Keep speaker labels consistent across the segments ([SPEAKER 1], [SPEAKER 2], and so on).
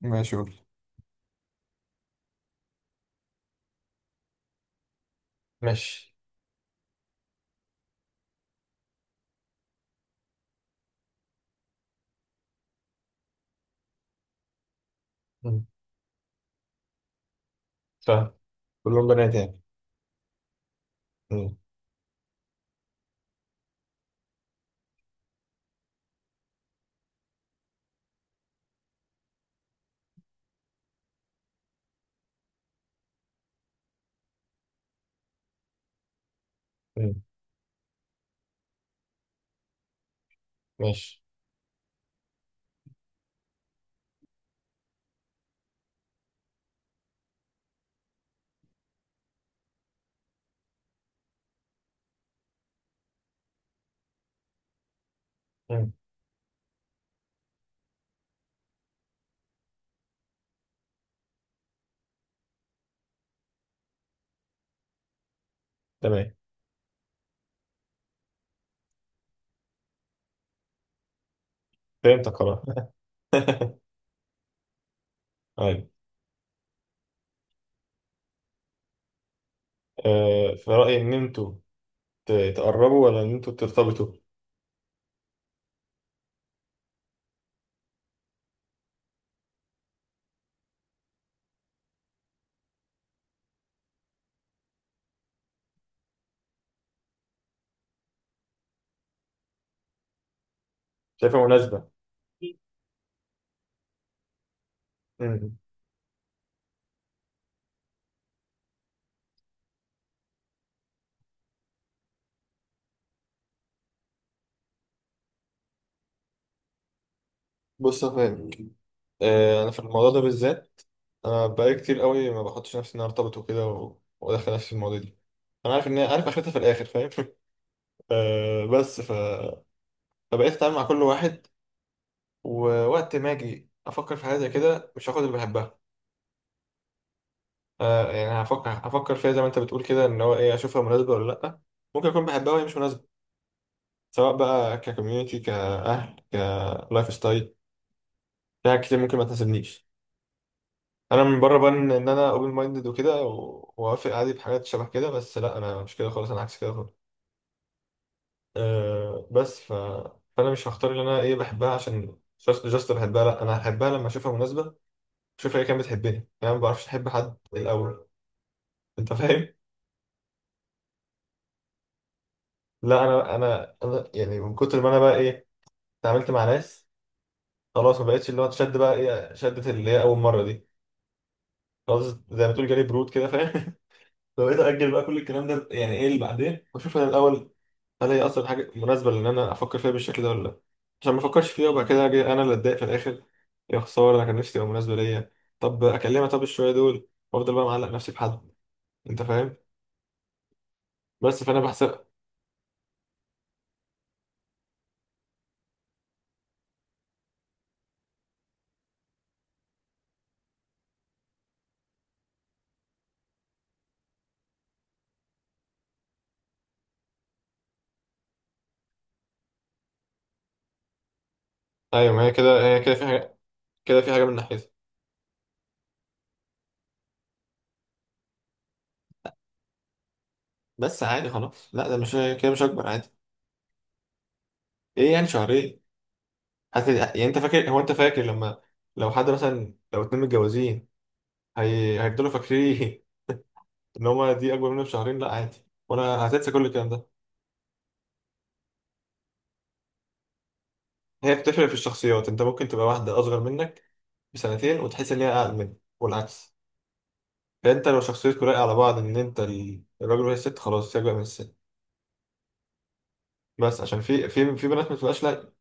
[SPEAKER 1] ماشي، قول. ماشي. مم. فاهم. كلهم بنات يعني؟ مم. مم. ماشي. مم. تمام. فهمتك خلاص. طيب. في رأيي إن أنتوا تقربوا ولا إن أنتوا ترتبطوا؟ شايفها مناسبة. مم. بص يا فاهم، أنا في الموضوع ده بالذات، أنا بقالي كتير قوي ما بحطش نفسي إن أنا أرتبط وكده وأدخل نفسي في المواضيع دي. أنا عارف إن هي عارف آخرتها في الآخر فاهم. بس فبقيت أتعامل مع كل واحد. ووقت ما أجي أفكر في حاجة زي كده مش هاخد اللي بحبها. يعني هفكر فيها زي ما انت بتقول كده، ان هو ايه، اشوفها مناسبه ولا لا. ممكن اكون بحبها وهي مش مناسبه. سواء بقى ككوميونتي، كاهل، كلايف ستايل، في حاجات كتير ممكن ما تناسبنيش. انا من بره بان ان انا اوبن مايندد وكده واوافق عادي بحاجات شبه كده، بس لا انا مش كده خالص، انا عكس كده خالص. بس فانا مش هختار اللي انا ايه بحبها عشان جاست بحبها، لا انا هحبها لما اشوفها مناسبه. اشوفها هي كانت بتحبني، يعني انا ما بعرفش احب حد الاول. انت فاهم؟ لا انا، انا يعني من كتر ما انا بقى ايه، اتعاملت مع ناس خلاص ما بقتش اللي هو تشد، بقى ايه، شدت اللي هي اول مره دي. خلاص. زي ما تقول جالي برود كده فاهم. فبقيت اجل بقى كل الكلام ده، يعني ايه اللي بعدين، واشوف انا الاول. هل هي اصلا حاجه مناسبه، لان انا افكر فيها بالشكل ده ولا لا، عشان ما افكرش فيها وبعد كده اجي انا اللي اتضايق في الاخر، يا خساره انا كان نفسي تبقى مناسبه ليا، طب اكلمها، طب الشويه دول، وافضل بقى معلق نفسي بحد. انت فاهم؟ بس فانا بحسب. ايوه، ما هي كده، هي كده في حاجه، كده في حاجه من ناحيتها. بس عادي خلاص، لا ده مش كده، مش اكبر، عادي. ايه يعني شهرين؟ يعني انت فاكر، هو انت فاكر لما، لو حد مثلا لو اتنين متجوزين، هيفضلوا فاكرين ان هما دي اكبر مني بشهرين؟ لا عادي، وانا هتنسى كل الكلام ده. هي بتفرق في الشخصيات، انت ممكن تبقى واحده اصغر منك بسنتين وتحس ان هي اقل منك والعكس. فانت لو شخصيتكوا لايقه على بعض، ان انت الراجل وهي الست، خلاص هي اكبر من الست. بس عشان في بنات ما بتبقاش لايقه،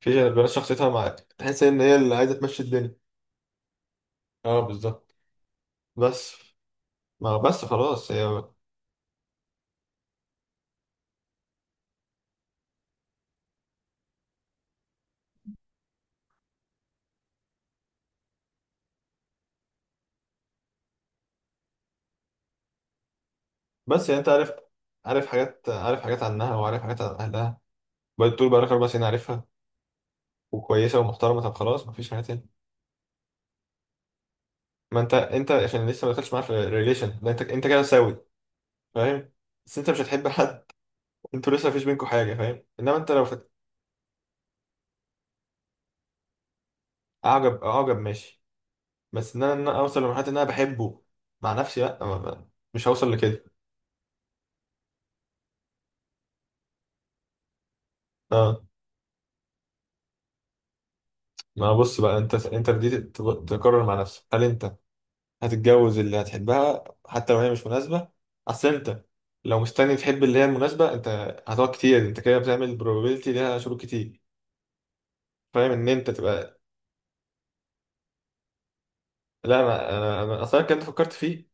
[SPEAKER 1] في بنات شخصيتها معاك تحس ان هي اللي عايزه تمشي الدنيا. اه بالظبط. بس، ما بس خلاص هي. بس يعني انت عارف حاجات عنها وعارف حاجات عن اهلها. بقيت طول بقالك 4 سنين عارفها، وكويسه ومحترمه، طب خلاص مفيش حاجه تاني. ما انت عشان لسه ما دخلتش معاه في الريليشن ده، انت كده ساوي، فاهم. بس انت مش هتحب حد، انتوا لسه مفيش بينكوا حاجه فاهم. انما انت لو اعجب، اعجب ماشي، بس ان انا، إن أنا اوصل لمرحله ان انا بحبه مع نفسي، لا مش هوصل لكده. اه، ما بص بقى، انت بديت تقرر مع نفسك هل انت هتتجوز اللي هتحبها حتى لو هي مش مناسبة، اصل انت لو مستني تحب اللي هي المناسبة، انت هتقعد كتير. انت كده بتعمل probability ليها، شروط كتير، فاهم، ان انت تبقى. لا أنا اصلا كنت فكرت فيه،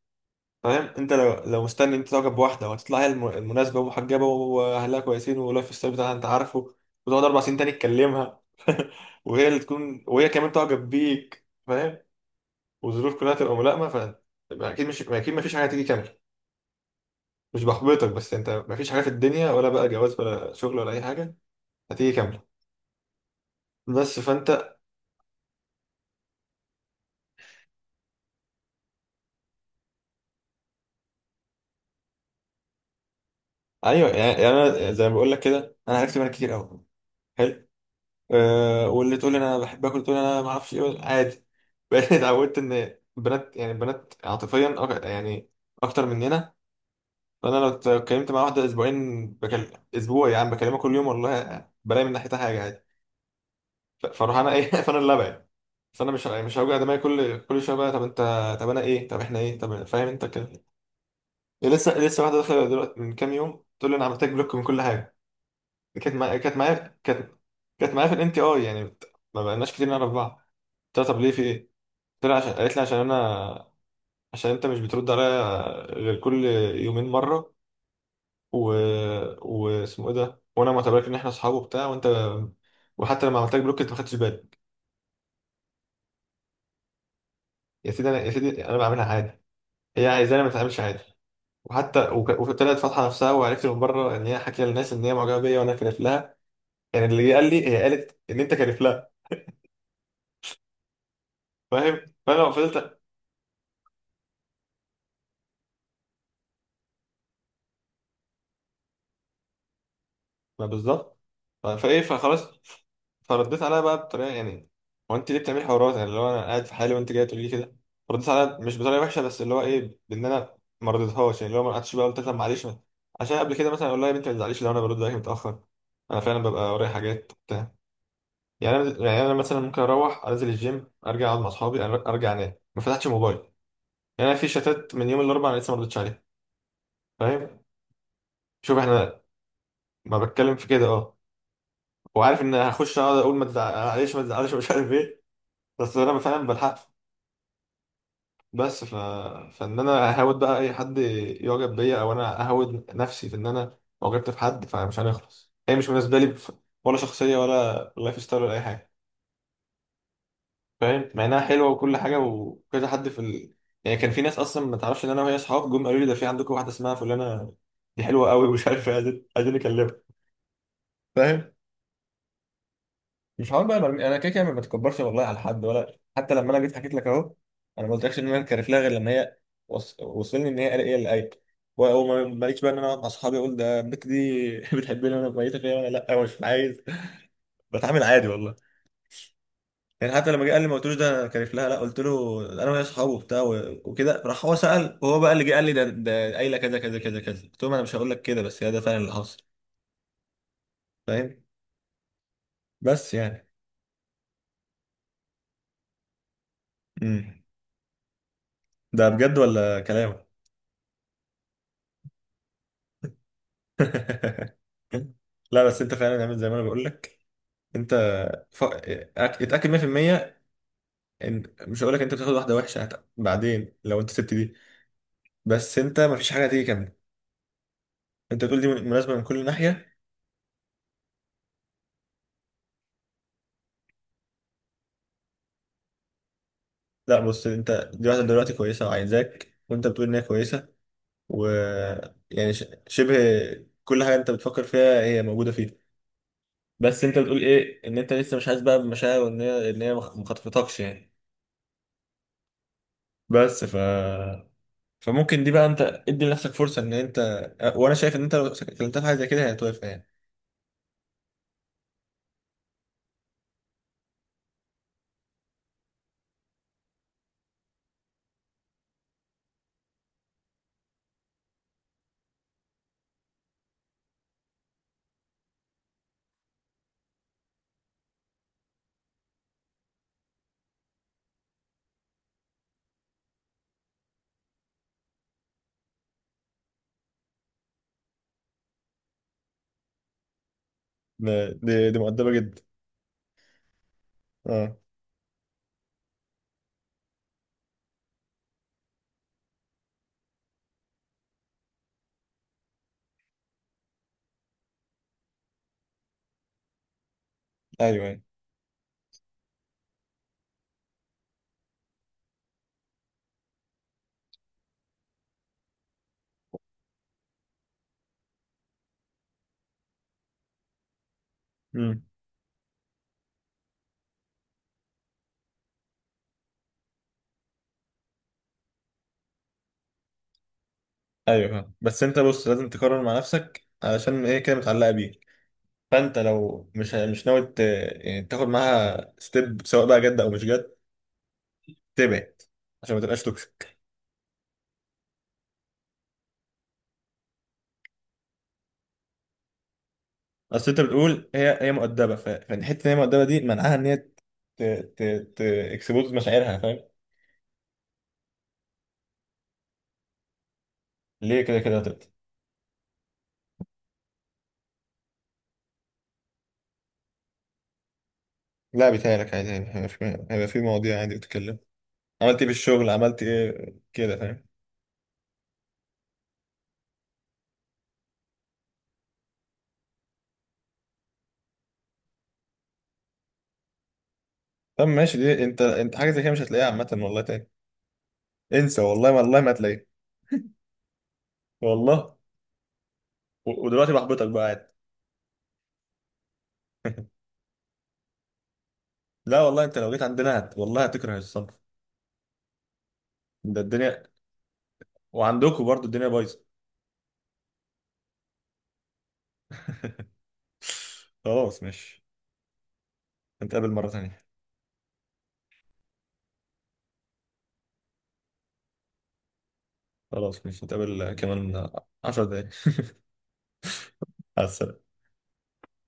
[SPEAKER 1] فاهم. انت لو مستني انت تعجب بواحدة وهتطلع هي المناسبة، ومحجبة، واهلها كويسين، واللايف ستايل بتاعها انت عارفه، وتقعد 4 سنين تاني تكلمها، وهي اللي تكون وهي كمان تعجب بيك، فاهم، والظروف كلها تبقى ملائمة، ف... اكيد، مش اكيد مفيش حاجة هتيجي كاملة. مش بحبطك، بس انت مفيش حاجه في الدنيا، ولا بقى جواز ولا شغل ولا اي حاجه، هتيجي كامله. بس فانت. ايوه، يعني انا زي ما بقول لك كده، انا عرفت منك كتير قوي، حلو. واللي تقول انا بحب اكل، تقول انا ما اعرفش ايه، عادي. بقيت اتعودت ان البنات، يعني البنات عاطفيا يعني اكتر مننا. فانا لو اتكلمت مع واحده اسبوعين، بكلم اسبوع يعني، بكلمها كل يوم والله، بلاقي من ناحيتها حاجه عادي. فاروح انا ايه فانا اللي ابعد. فانا مش هوجع دماغي كل شويه بقى، طب انت، طب انا ايه، طب احنا ايه، طب فاهم انت كده. لسه واحده داخله دلوقتي من كام يوم تقول لي انا عملت لك بلوك من كل حاجه. كانت معايا، كانت معايا في الان تي اي، يعني ما بقناش كتير نعرف بعض. قلت لها طب ليه في ايه؟ قلت لها عشان، قالت لي عشان انت مش بترد عليا غير كل يومين مره، و واسمه ايه ده، وانا معتبرك ان احنا اصحاب وبتاع، وانت وحتى لما عملت لك بلوك انت ما خدتش بالي. يا سيدي انا، بعملها عادي، هي عايزاني ما اتعاملش عادي. وحتى وطلعت فاتحه نفسها، وعرفت من بره ان هي حكي للناس ان هي معجبه بيا وانا كارف لها، يعني اللي قال لي هي قالت ان انت كارف لها، فاهم. فانا فضلت، ما بالظبط. فايه، فخلاص، فرديت عليها بقى بطريقه، يعني هو انت ليه بتعملي حوارات، يعني اللي هو انا قاعد في حالي وانت جايه تقولي لي كده. فرديت عليها مش بطريقه وحشه، بس اللي هو ايه، بان انا ما رضيتهاش، يعني اللي هو ما قعدتش بقى، قلت لها معلش عشان قبل كده مثلا اقول لها يا بنتي ما تزعليش لو انا برد عليك متاخر، انا فعلا ببقى ورايا حاجات بتاع يعني انا مثلا ممكن اروح انزل الجيم، ارجع اقعد مع اصحابي، ارجع انام ما فتحتش موبايل، يعني انا في شتات من يوم الاربعاء انا لسه ما ردتش عليها، فاهم. شوف احنا، ما بتكلم في كده اه، وعارف ان هخش اقعد اقول ما تزعلش، ما تزعلش، مش عارف ايه، بس انا فعلا بلحق. بس فان انا اهود بقى اي حد يعجب بيا، او انا اهود نفسي في ان انا اعجبت في حد، فمش هنخلص. هي مش بالنسبه لي ولا شخصيه، ولا لايف ستايل، ولا اي حاجه، فاهم، مع انها حلوه وكل حاجه، وكذا حد في يعني كان في ناس اصلا ما تعرفش ان انا وهي اصحاب جم قالوا لي ده في عندكم واحده اسمها فلانه، دي حلوه قوي ومش عارف ايه، عايزين نكلمها، فاهم. مش هقعد بقى برمي، انا كده كده ما بتكبرش والله على حد، ولا حتى لما انا جيت حكيت لك اهو، انا ما قلتلكش ان انا كارف لها غير لما هي وصلني ان هي قال ايه اللي قايل، وماليش بقى ان انا اقعد مع اصحابي اقول ده البت دي بتحبني وانا ميته فيا، وانا لا مش عايز، بتعامل عادي والله. يعني حتى لما جه قال لي ما قلتلوش ده انا كارف لها، لا قلت له انا وهي اصحابه وبتاع وكده، راح هو سال، وهو بقى اللي جه قال لي، ده قايله كذا كذا كذا كذا، قلت لهم انا مش هقول لك كده، بس هي ده فعلا اللي حصل، فاهم. بس يعني. امم. ده بجد ولا كلام؟ لا بس انت فعلا عامل زي ما انا بقول لك. انت ف... أك- اتاكد 100% ان، مش هقول لك انت بتاخد واحده وحشه بعدين لو انت سبت دي، بس انت مفيش حاجه هتيجي كامله. انت بتقول دي مناسبه من كل ناحيه. لا بص، انت دي واحده دلوقتي كويسه وعايزاك، وانت بتقول ان هي كويسه، و يعني شبه كل حاجه انت بتفكر فيها هي موجوده فيها. بس انت بتقول ايه، ان انت لسه مش حاسس بقى بمشاعر، وان هي ان هي مخطفتكش يعني. بس فممكن دي بقى انت ادي لنفسك فرصه ان انت، وانا شايف ان انت لو كلمتها في حاجه زي كده هتوافق يعني. دي دي مؤدبه جدا. اه. ايوه، ايوه. امم. ايوه فاهم، بس انت بص لازم تقرر مع نفسك علشان ايه كده متعلقه بيك. فانت لو مش ناوي يعني تاخد معاها ستيب، سواء بقى جد او مش جد، تبعد عشان ما تبقاش توكسيك. اصل انت بتقول هي مؤدبه، فالحته ان هي مؤدبه دي منعها ان هي ت ت ت اكسبوز مشاعرها، فاهم. ليه؟ كده كده هتبقى. لا بيتهيألك عادي، يعني هيبقى في مواضيع عادي بتتكلم، عملت ايه في الشغل، عملت ايه كده، فاهم. طب ماشي، دي انت، حاجه زي كده مش هتلاقيها عامه والله تاني. انسى، والله والله ما هتلاقيها، والله. ودلوقتي بحبطك بقى، عادي. لا والله، انت لو جيت عندنا والله هتكره الصنف. ده الدنيا، وعندكم برضو الدنيا بايظه. خلاص ماشي، نتقابل مره تانية. خلاص ماشي، نتقابل كمان 10 دقايق. على السلامه.